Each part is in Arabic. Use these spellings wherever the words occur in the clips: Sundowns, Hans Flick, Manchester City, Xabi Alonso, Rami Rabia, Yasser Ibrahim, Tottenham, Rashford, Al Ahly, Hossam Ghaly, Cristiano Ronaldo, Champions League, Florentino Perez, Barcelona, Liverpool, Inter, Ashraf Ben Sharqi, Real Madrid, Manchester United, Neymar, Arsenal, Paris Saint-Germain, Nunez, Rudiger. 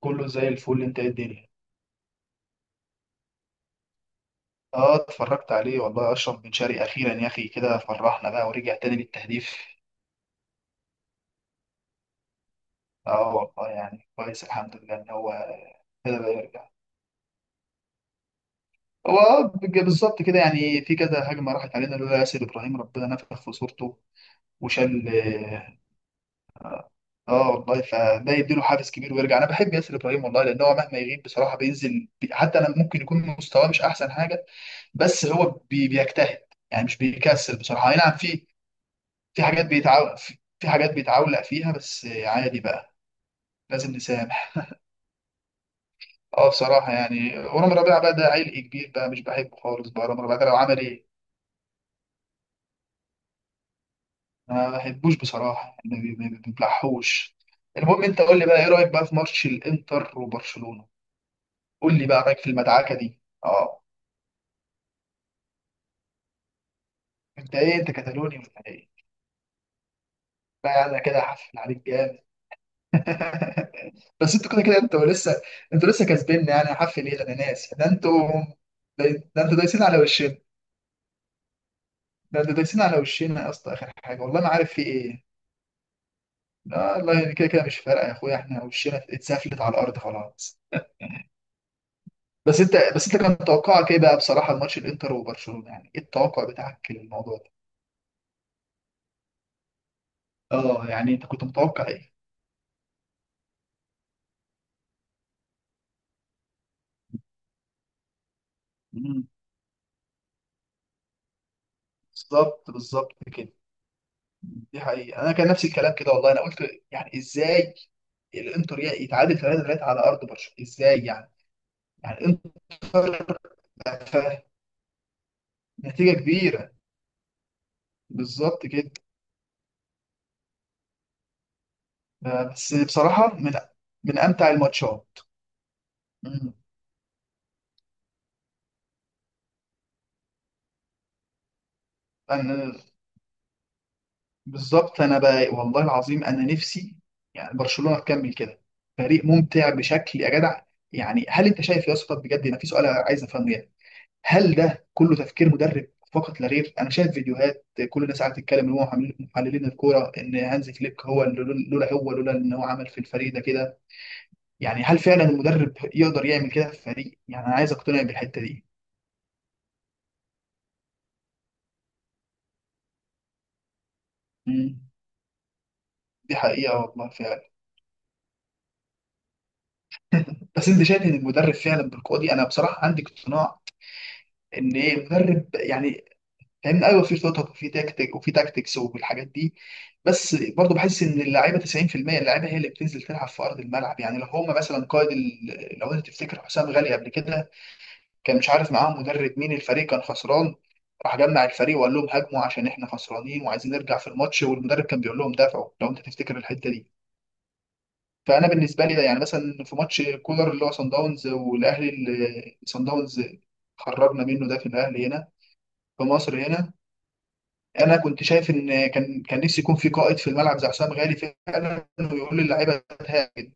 كله زي الفل، انت ايه الدنيا؟ اه اتفرجت عليه والله. اشرف بن شرقي اخيرا يا اخي، كده فرحنا بقى ورجع تاني للتهديف. اه والله يعني كويس، الحمد لله ان هو كده بقى يرجع. هو بالظبط كده، يعني في كذا هجمه راحت علينا لولا ياسر ابراهيم، ربنا نفخ في صورته وشال. والله فده يديله حافز كبير ويرجع. انا بحب ياسر ابراهيم والله، لان هو مهما يغيب بصراحه بينزل. حتى انا ممكن يكون مستواه مش احسن حاجه، بس هو بيجتهد، يعني مش بيكسل بصراحه. اي نعم في في حاجات بيتعولق فيها، بس عادي بقى، لازم نسامح. اه بصراحة يعني، ورامي ربيعة بقى ده عيل كبير بقى، مش بحبه خالص بقى رامي ربيعة ده، لو عمل ايه. أنا ما بحبوش بصراحة، يعني ما بيبلعحوش. المهم انت قول لي بقى، ايه رأيك بقى في ماتش الانتر وبرشلونة؟ قول لي بقى رأيك في المدعكة دي. اه انت ايه، انت كتالوني ولا ايه؟ بقى انا كده هحفل عليك جامد. بس انتوا كده كده انتوا لسه، انتوا لسه كسبنا، يعني هحفل ايه؟ ده انا ناس ده انتوا، ده ده انتوا دايسين على وشنا ده ده دايسين على وشنا يا اسطى. اخر حاجه والله ما عارف في ايه. لا والله، يعني كده كده مش فارقه يا اخويا، احنا وشنا اتسفلت على الارض خلاص. بس انت كان توقعك ايه بقى بصراحه؟ الماتش الانتر وبرشلونه، يعني ايه التوقع بتاعك للموضوع ده؟ اه يعني انت كنت متوقع ايه؟ مم. بالظبط كده. دي حقيقه، انا كان نفس الكلام كده والله. انا قلت يعني ازاي الانتر يتعادل 3-3 على ارض برشلونه، ازاي يعني؟ يعني الانتر، نتيجه كبيره، بالظبط كده. بس بصراحة من من أمتع الماتشات. مم. أنا بالظبط، أنا بقى والله العظيم أنا نفسي يعني برشلونة تكمل كده، فريق ممتع بشكل يا جدع. يعني هل أنت شايف يا اسطى بجد؟ أنا في سؤال عايز أفهمه يعني، هل ده كله تفكير مدرب فقط لا غير؟ أنا شايف فيديوهات كل الناس قاعدة تتكلم إن هو محللين الكورة إن هانز فليك هو لولا هو، لولا إن هو عمل في الفريق ده كده. يعني هل فعلا المدرب يقدر يعمل كده في فريق؟ يعني أنا عايز أقتنع بالحتة دي. مم. دي حقيقة والله فعلا. بس انت شايف ان المدرب فعلا بالقوه دي؟ انا بصراحه عندي اقتناع ان ايه المدرب يعني، فاهمني؟ ايوه، في خطط وفي تكتيك وفي تاكتكس والحاجات دي، بس برضه بحس ان اللعيبه 90%، اللعيبه هي اللي بتنزل تلعب في ارض الملعب. يعني لو هم مثلا لو انت تفتكر حسام غالي قبل كده، كان مش عارف معاهم مدرب مين، الفريق كان خسران، راح جمع الفريق وقال لهم هاجموا عشان احنا خسرانين وعايزين نرجع في الماتش، والمدرب كان بيقول لهم دافعوا. لو انت تفتكر الحته دي، فانا بالنسبه لي ده يعني مثلا في ماتش كولر اللي هو صن داونز والاهلي، اللي صن داونز خرجنا منه ده، في الاهلي هنا في مصر هنا، انا كنت شايف ان كان، كان نفسي يكون في قائد في الملعب زي حسام غالي فعلا، ويقول للعيبه تهاجم.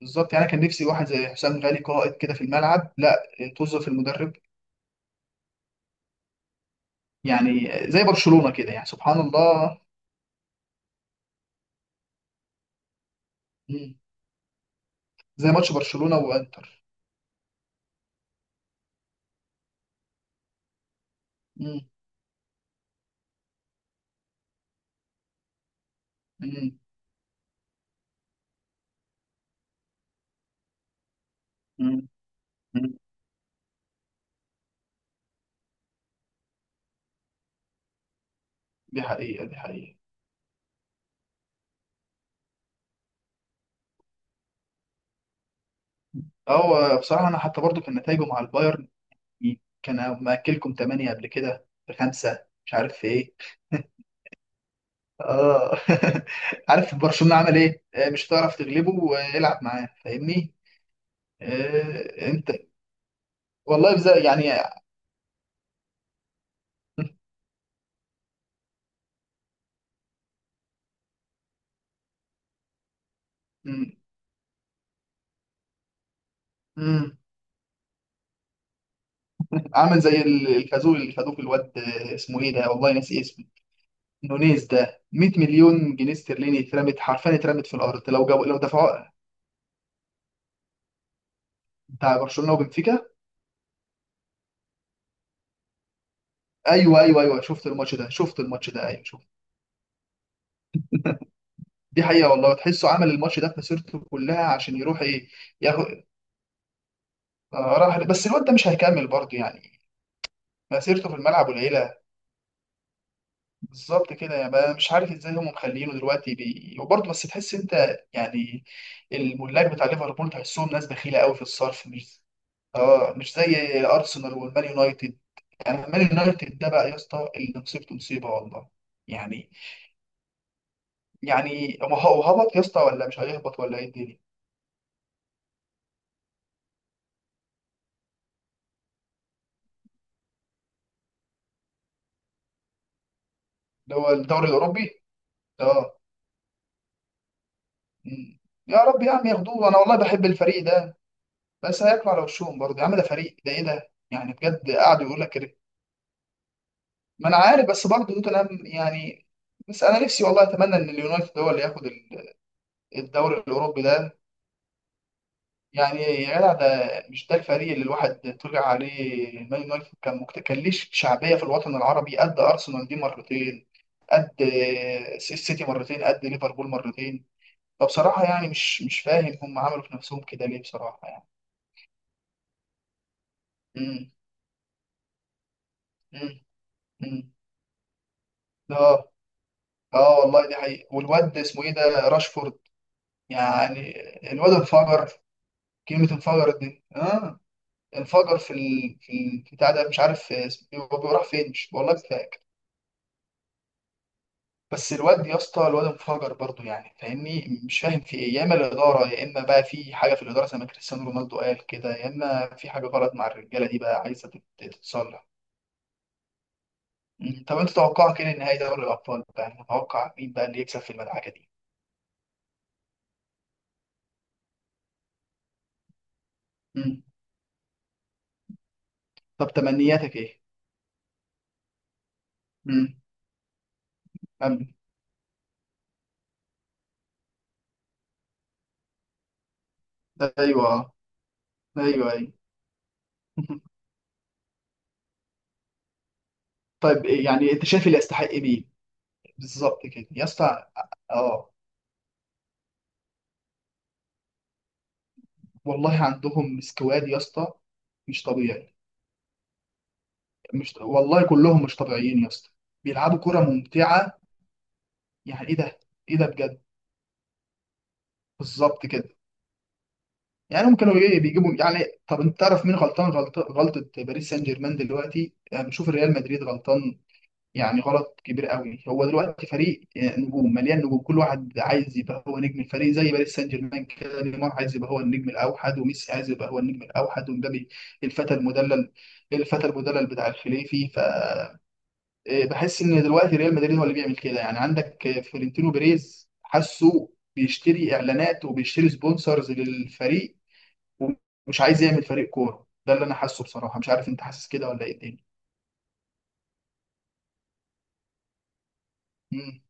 بالظبط، يعني انا كان نفسي واحد زي حسام غالي قائد كده في الملعب، لا توظف المدرب، يعني زي برشلونه كده، يعني سبحان الله. مم. زي ماتش برشلونه وانتر. مم. مم. مم. مم. دي حقيقه، دي حقيقه. هو بصراحه انا حتى برضو كان نتائجه مع البايرن، كان مأكلكم تمانية قبل كده بخمسة، مش عارف في ايه. اه عارف برشلونة عمل ايه؟ مش هتعرف تغلبه، والعب معاه، فاهمني؟ انت والله بزي يعني. مم، مم، عامل زي الخازوق اللي خدوه في الواد، اسمه ايه ده، والله ناسي اسمه. نونيز ده، 100 مليون جنيه استرليني اترمت حرفيا، اترمت في الارض. لو جو لو دفعوا بتاع برشلونة وبنفيكا. ايوه، شفت الماتش ده، شفت الماتش ده، ايوه. دي حقيقة والله، تحسه عمل الماتش ده في مسيرته كلها عشان يروح ايه ياخد. آه، راح، بس الواد ده مش هيكمل برضه، يعني مسيرته في الملعب قليلة. بالظبط كده، يعني بقى مش عارف ازاي هم مخلينه دلوقتي وبرضه، بس تحس انت يعني الملاك بتاع ليفربول تحسهم ناس بخيلة قوي في الصرف، مش اه مش زي ارسنال والمان يونايتد. يعني المان يونايتد ده بقى يا اسطى، اللي مصيبته مصيبة والله، يعني يعني هو هبط يا اسطى ولا مش هيهبط ولا ايه الدنيا؟ اللي هو الدوري الاوروبي، اه. مم. يا رب يا عم ياخدوه، انا والله بحب الفريق ده، بس هياكلوا على وشهم برضه يا عم. ده فريق، ده ايه ده يعني بجد؟ قعدوا يقول لك كده. ما انا عارف، بس برضه توتنهام يعني، بس انا نفسي والله اتمنى ان اليونايتد هو اللي ياخد الدوري الاوروبي ده. يعني يا جدع، ده مش ده الفريق اللي الواحد طلع عليه؟ مان يونايتد كان كان ليه شعبيه في الوطن العربي قد ارسنال دي مرتين، قد السيتي مرتين، قد ليفربول مرتين. فبصراحه يعني مش مش فاهم هم عملوا في نفسهم كده ليه بصراحه يعني. مم. مم. اه اه والله دي حقيقة. والواد اسمه ايه ده، راشفورد، يعني الواد انفجر، كلمة انفجر دي. اه، انفجر في بتاع ده، مش عارف اسمه إيه، هو راح فين، مش والله مش فاكر. بس الواد يا اسطى، الواد انفجر برضه يعني، فاهمني؟ مش فاهم في ايه، يا اما الاداره يا اما بقى في حاجه في الاداره زي ما كريستيانو رونالدو قال كده، يا اما في حاجه غلط مع الرجاله دي بقى عايزه تتصلح. مم. طب انت توقعك ايه لنهائي دوري الابطال بقى؟ متوقع مين بقى اللي يكسب في المدعكه دي؟ مم. طب تمنياتك ايه؟ مم. أم- ايوه، ايوه، ايوه. طيب إيه يعني، انت شايف اللي يستحق مين؟ بالظبط كده يا اسطى. اه والله عندهم سكواد يا اسطى، مش طبيعي. مش والله كلهم مش طبيعيين يا اسطى، بيلعبوا كرة ممتعة. يعني ايه ده؟ ايه ده بجد؟ بالظبط كده، يعني هم كانوا ايه بيجيبوا يعني. طب انت تعرف مين غلطان، غلطة باريس سان جيرمان دلوقتي، يعني بشوف الريال مدريد غلطان، يعني غلط كبير قوي. هو دلوقتي فريق، نجوم، مليان نجوم، كل واحد عايز يبقى هو نجم الفريق زي باريس سان جيرمان كده، نيمار عايز يبقى هو النجم الاوحد، وميسي عايز يبقى هو النجم الاوحد، ومبابي الفتى المدلل، الفتى المدلل بتاع الخليفي. ف إيه، بحس ان دلوقتي ريال مدريد هو اللي بيعمل كده يعني. عندك فلورنتينو بيريز، حاسه بيشتري اعلانات وبيشتري سبونسرز للفريق ومش عايز يعمل فريق كوره، ده اللي انا حاسه بصراحه. مش عارف انت حاسس كده ولا ايه؟ تاني،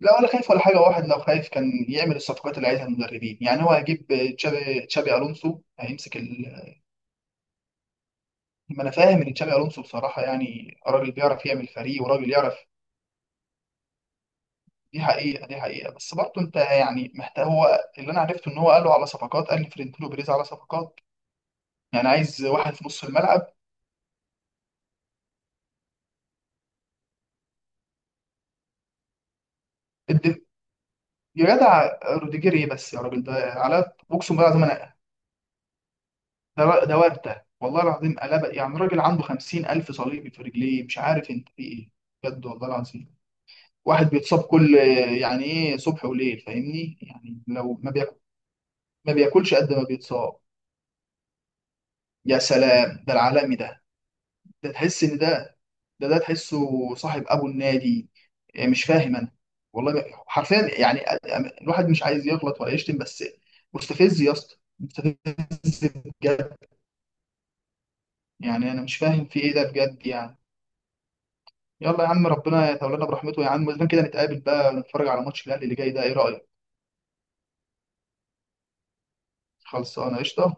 لا ولا خايف ولا حاجه. واحد لو خايف كان يعمل الصفقات اللي عايزها المدربين، يعني هو هيجيب تشابي الونسو، هيمسك ما انا فاهم ان تشابي الونسو بصراحه يعني راجل بيعرف يعمل فريق، وراجل يعرف. دي حقيقه دي حقيقه، بس برضه انت يعني محتاج. هو اللي انا عرفته ان هو قال له على صفقات، قال لفلورنتينو بيريز على صفقات، يعني عايز واحد في نص الملعب. الد- يا جدع، روديجير ايه بس يا راجل؟ ده على اقسم بالله العظيم انا، ده ده ورده والله العظيم قلبه. يعني راجل عنده 50,000 صليبي في رجليه، مش عارف انت في ايه، بجد والله العظيم. واحد بيتصاب كل، يعني ايه، صبح وليل، فاهمني؟ يعني لو ما بياكل، ما بياكلش قد ما بيتصاب. يا سلام، ده العالمي ده، ده تحس ان ده ده، ده تحسه صاحب ابو النادي. إيه، مش فاهم انا والله. ما- حرفيا يعني الواحد مش عايز يغلط ولا يشتم، بس مستفز يا اسطى، مستفز بجد. يعني انا مش فاهم في ايه ده بجد يعني. يلا يا عم، ربنا يتولانا برحمته يا عم. اذا كان كده، نتقابل بقى ونتفرج على ماتش الاهلي اللي جاي ده، ايه رايك؟ خلصانه قشطه.